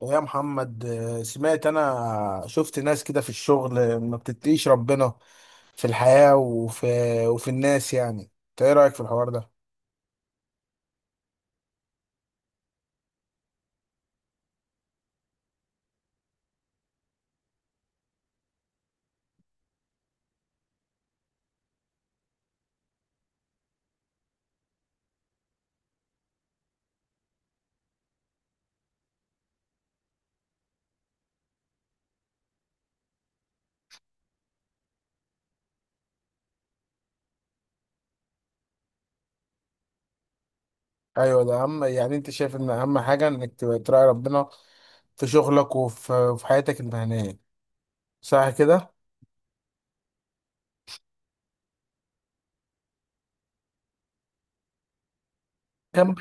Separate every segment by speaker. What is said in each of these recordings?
Speaker 1: ويا محمد، سمعت انا شفت ناس كده في الشغل، ما بتتقيش ربنا في الحياة وفي الناس يعني. انت ايه رأيك في الحوار ده؟ ايوه، ده اهم. يعني انت شايف ان اهم حاجة انك تبقى تراعي ربنا في شغلك وفي حياتك المهنية، صح كده؟ كان ب...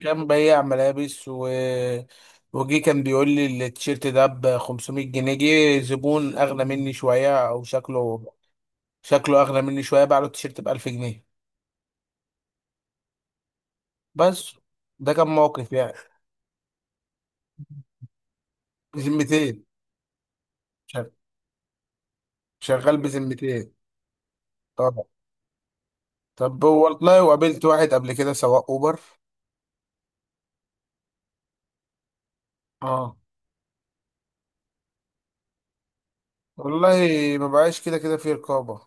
Speaker 1: كان بيع ملابس وجي كان بيقول لي التيشيرت ده ب 500 جنيه. جه زبون اغلى مني شوية، او شكله اغلى مني شوية، باع له التيشيرت ب 1000 جنيه. بس ده كان موقف يعني. بذمتين. شغ- شغال بذمتين. طبعا. طب والله، وقابلت واحد قبل كده سواق اوبر. اه والله، ما بقاش كده كده في رقابة.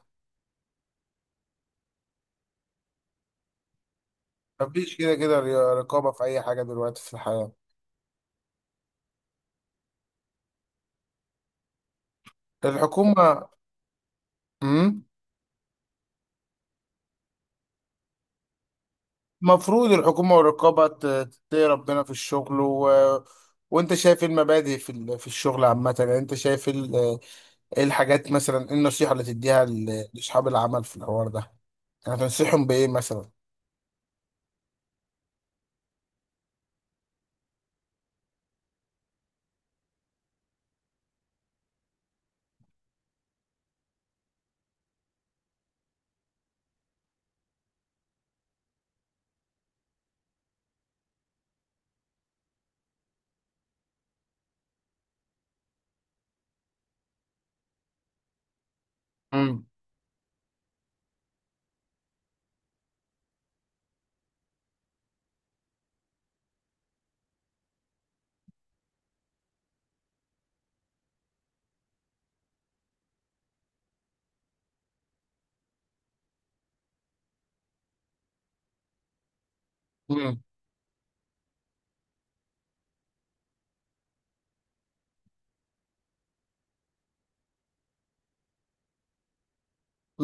Speaker 1: مفيش كده كده رقابة في أي حاجة دلوقتي في الحياة. الحكومة. امم. المفروض الحكومة والرقابة تتقي ربنا في الشغل. و... وأنت شايف إيه المبادئ في الشغل عامة؟ يعني أنت شايف ال... ايه الحاجات، مثلا ايه النصيحة اللي تديها لاصحاب العمل في الحوار ده؟ يعني تنصحهم بايه مثلا؟ امم. امم.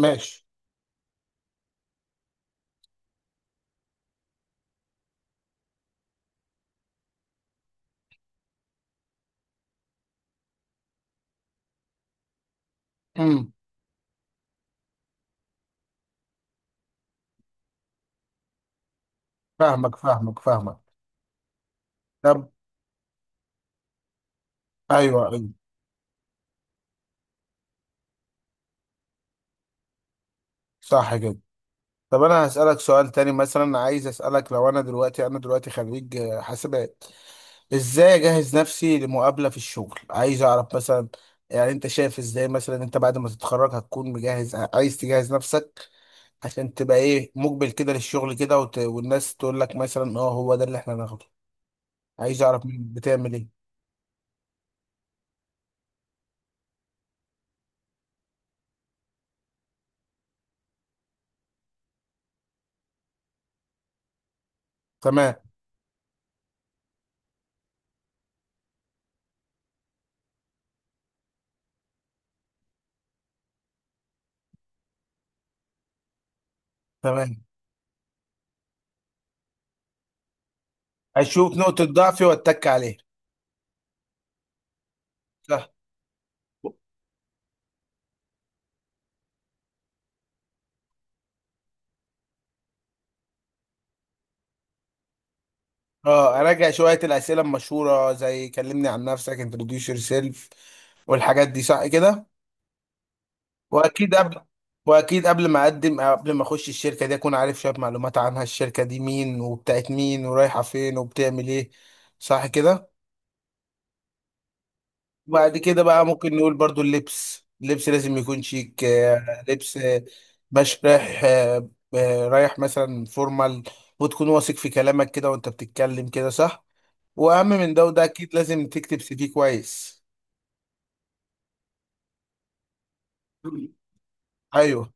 Speaker 1: ماشي. امم. فاهمك، فاهمك، فاهمك. طب. ايوه، ايوه. صح كده. طب انا هسألك سؤال تاني، مثلا عايز اسألك، لو انا دلوقتي خريج حاسبات، ازاي اجهز نفسي لمقابلة في الشغل؟ عايز اعرف مثلا، يعني انت شايف ازاي، مثلا انت بعد ما تتخرج هتكون مجهز، عايز تجهز نفسك عشان تبقى ايه مقبل كده للشغل كده، والناس تقول لك مثلا، اه هو ده اللي احنا هناخده. عايز اعرف منك بتعمل ايه؟ تمام. تمام. اشوف نقطة ضعفي واتك عليها. صح. اه، اراجع شوية الاسئلة المشهورة زي كلمني عن نفسك، انتروديوس يور سيلف، والحاجات دي، صح كده؟ واكيد قبل واكيد قبل ما اقدم أو قبل ما اخش الشركة دي، اكون عارف شوية معلومات عنها. الشركة دي مين، وبتاعت مين، ورايحة فين، وبتعمل ايه؟ صح كده. بعد كده بقى ممكن نقول برضو، اللبس لازم يكون شيك، لبس، باش رايح، رايح مثلا فورمال. وتكون واثق في كلامك كده، وانت بتتكلم كده، صح. واهم من ده وده، اكيد لازم تكتب سي في كويس. ايوه،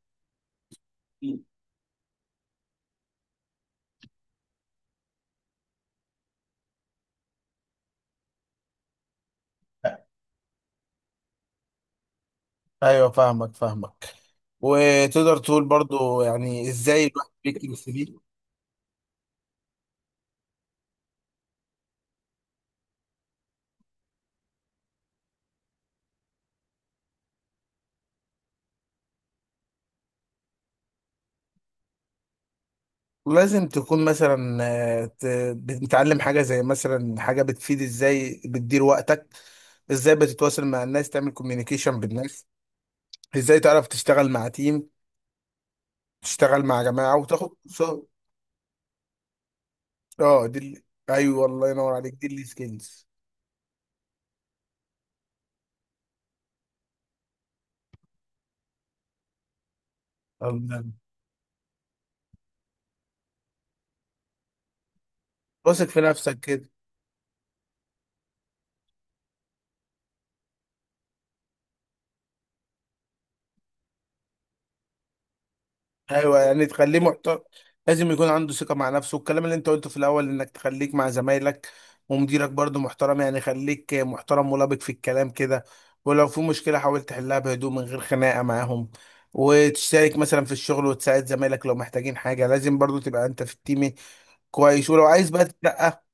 Speaker 1: ايوه. فاهمك، فاهمك. وتقدر تقول برضو يعني ازاي الواحد بيكتب السي في؟ لازم تكون مثلا، آه، ت- بتتعلم حاجة زي مثلا، حاجة بتفيد. ازاي بتدير وقتك، ازاي بتتواصل مع الناس، تعمل كوميونيكيشن بالناس. ازاي تعرف تشتغل مع تيم، تشتغل مع جماعة، وتاخد كورسات. اه، دي ال-. ايوه، والله ينور عليك، دي السكيلز. واثق في نفسك كده. ايوه، يعني تخليه محترم. لازم يكون عنده ثقه مع نفسه. والكلام اللي انت قلته في الاول، انك تخليك مع زمايلك ومديرك برضه محترم، يعني خليك محترم ولبق في الكلام كده. ولو في مشكله حاول تحلها بهدوء من غير خناقه معاهم. وتشترك مثلا في الشغل وتساعد زمايلك لو محتاجين حاجه. لازم برضه تبقى انت في التيم كويس. ولو عايز بقى تترقى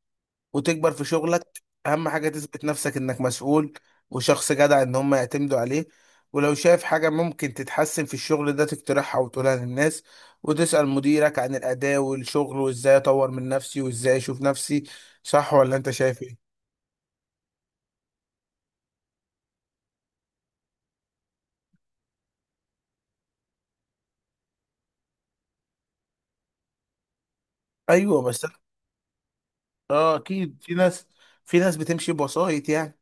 Speaker 1: وتكبر في شغلك، اهم حاجة تثبت نفسك انك مسؤول. وشخص جدع ان هم يعتمدوا عليه. ولو شايف حاجة ممكن تتحسن في الشغل ده، تقترحها وتقولها للناس. وتسأل مديرك عن الأداء والشغل، وازاي اطور من نفسي، وازاي اشوف نفسي. صح، ولا انت شايف ايه؟ ايوه، بس. اه، اكيد في ناس بتمشي بوسائط يعني.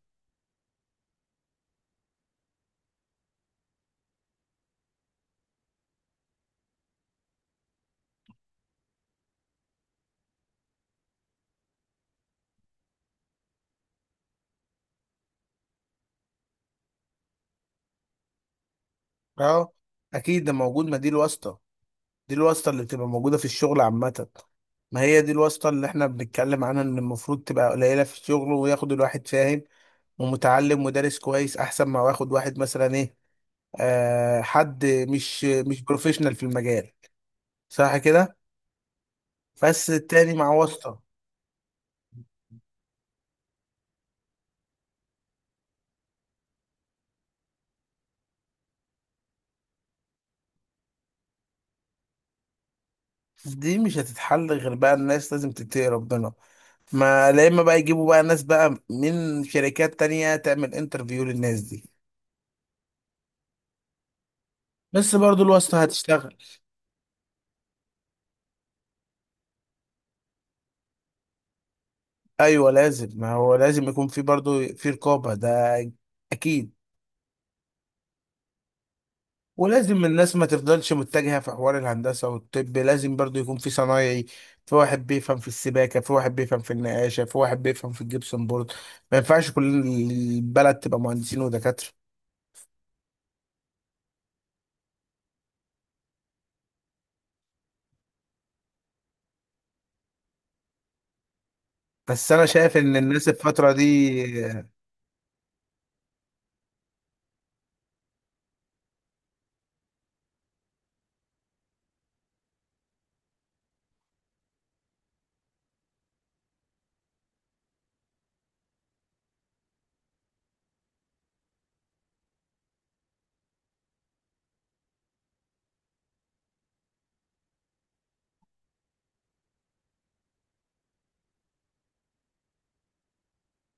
Speaker 1: اه، اكيد ده موجود. ما دي الواسطة، دي الواسطة اللي بتبقى موجودة في الشغل عامة. ما هي دي الواسطة اللي احنا بنتكلم عنها، ان المفروض تبقى قليلة في الشغل، وياخد الواحد فاهم ومتعلم ودارس كويس، احسن ما واخد واحد مثلا ايه، حد مش بروفيشنال في المجال. صح كده. بس التاني مع واسطة. دي مش هتتحل غير بقى الناس لازم تتقي ربنا. ما لا، اما بقى يجيبوا بقى ناس بقى من شركات تانية تعمل انترفيو للناس دي. بس برضو الواسطة هتشتغل. ايوه، لازم. ما هو لازم يكون في برضه في رقابه، ده. اكيد. ولازم الناس ما تفضلش متجهه في حوار الهندسه والطب. لازم برضه يكون في صنايعي، في واحد بيفهم في السباكه، في واحد بيفهم في النقاشه، في واحد بيفهم في الجبسن بورد. ما ينفعش كل البلد تبقى مهندسين ودكاتره. بس انا شايف ان الناس الفتره دي.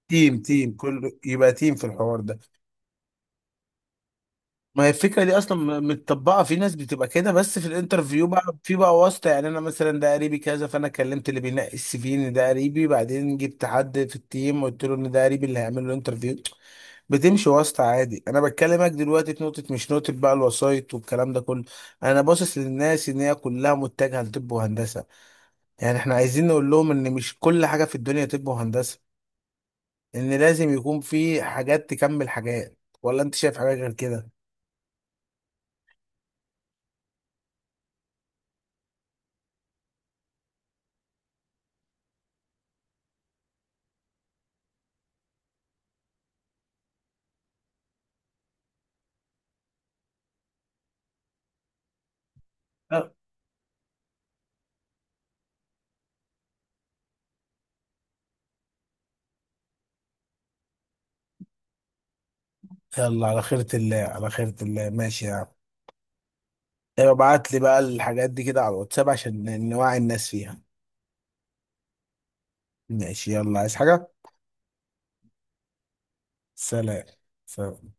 Speaker 1: تيم، تيم، كل يبقى تيم في الحوار ده. ما هي الفكرة دي أصلا متطبقة في ناس بتبقى كده. بس في الانترفيو بقى في بقى واسطة. يعني أنا مثلا ده قريبي كذا، فأنا كلمت اللي بينقي السي في إن ده قريبي، بعدين جبت حد في التيم وقلت له إن ده قريبي اللي هيعمل له الانترفيو. بتمشي واسطة عادي. أنا بتكلمك دلوقتي في نقطة، مش نقطة بقى الوسايط والكلام ده كله. أنا باصص للناس إن هي كلها متجهة لطب وهندسة. يعني إحنا عايزين نقول لهم إن مش كل حاجة في الدنيا طب وهندسة. إن لازم يكون في حاجات تكمل حاجات، ولا أنت شايف حاجة غير كده؟ يلا، على خيرة الله، على خيرة الله، ماشي يا عم. يبقى ابعت لي بقى الحاجات دي كده على الواتساب عشان نوعي الناس فيها. ماشي، يلا، عايز حاجة؟ سلام. سلام.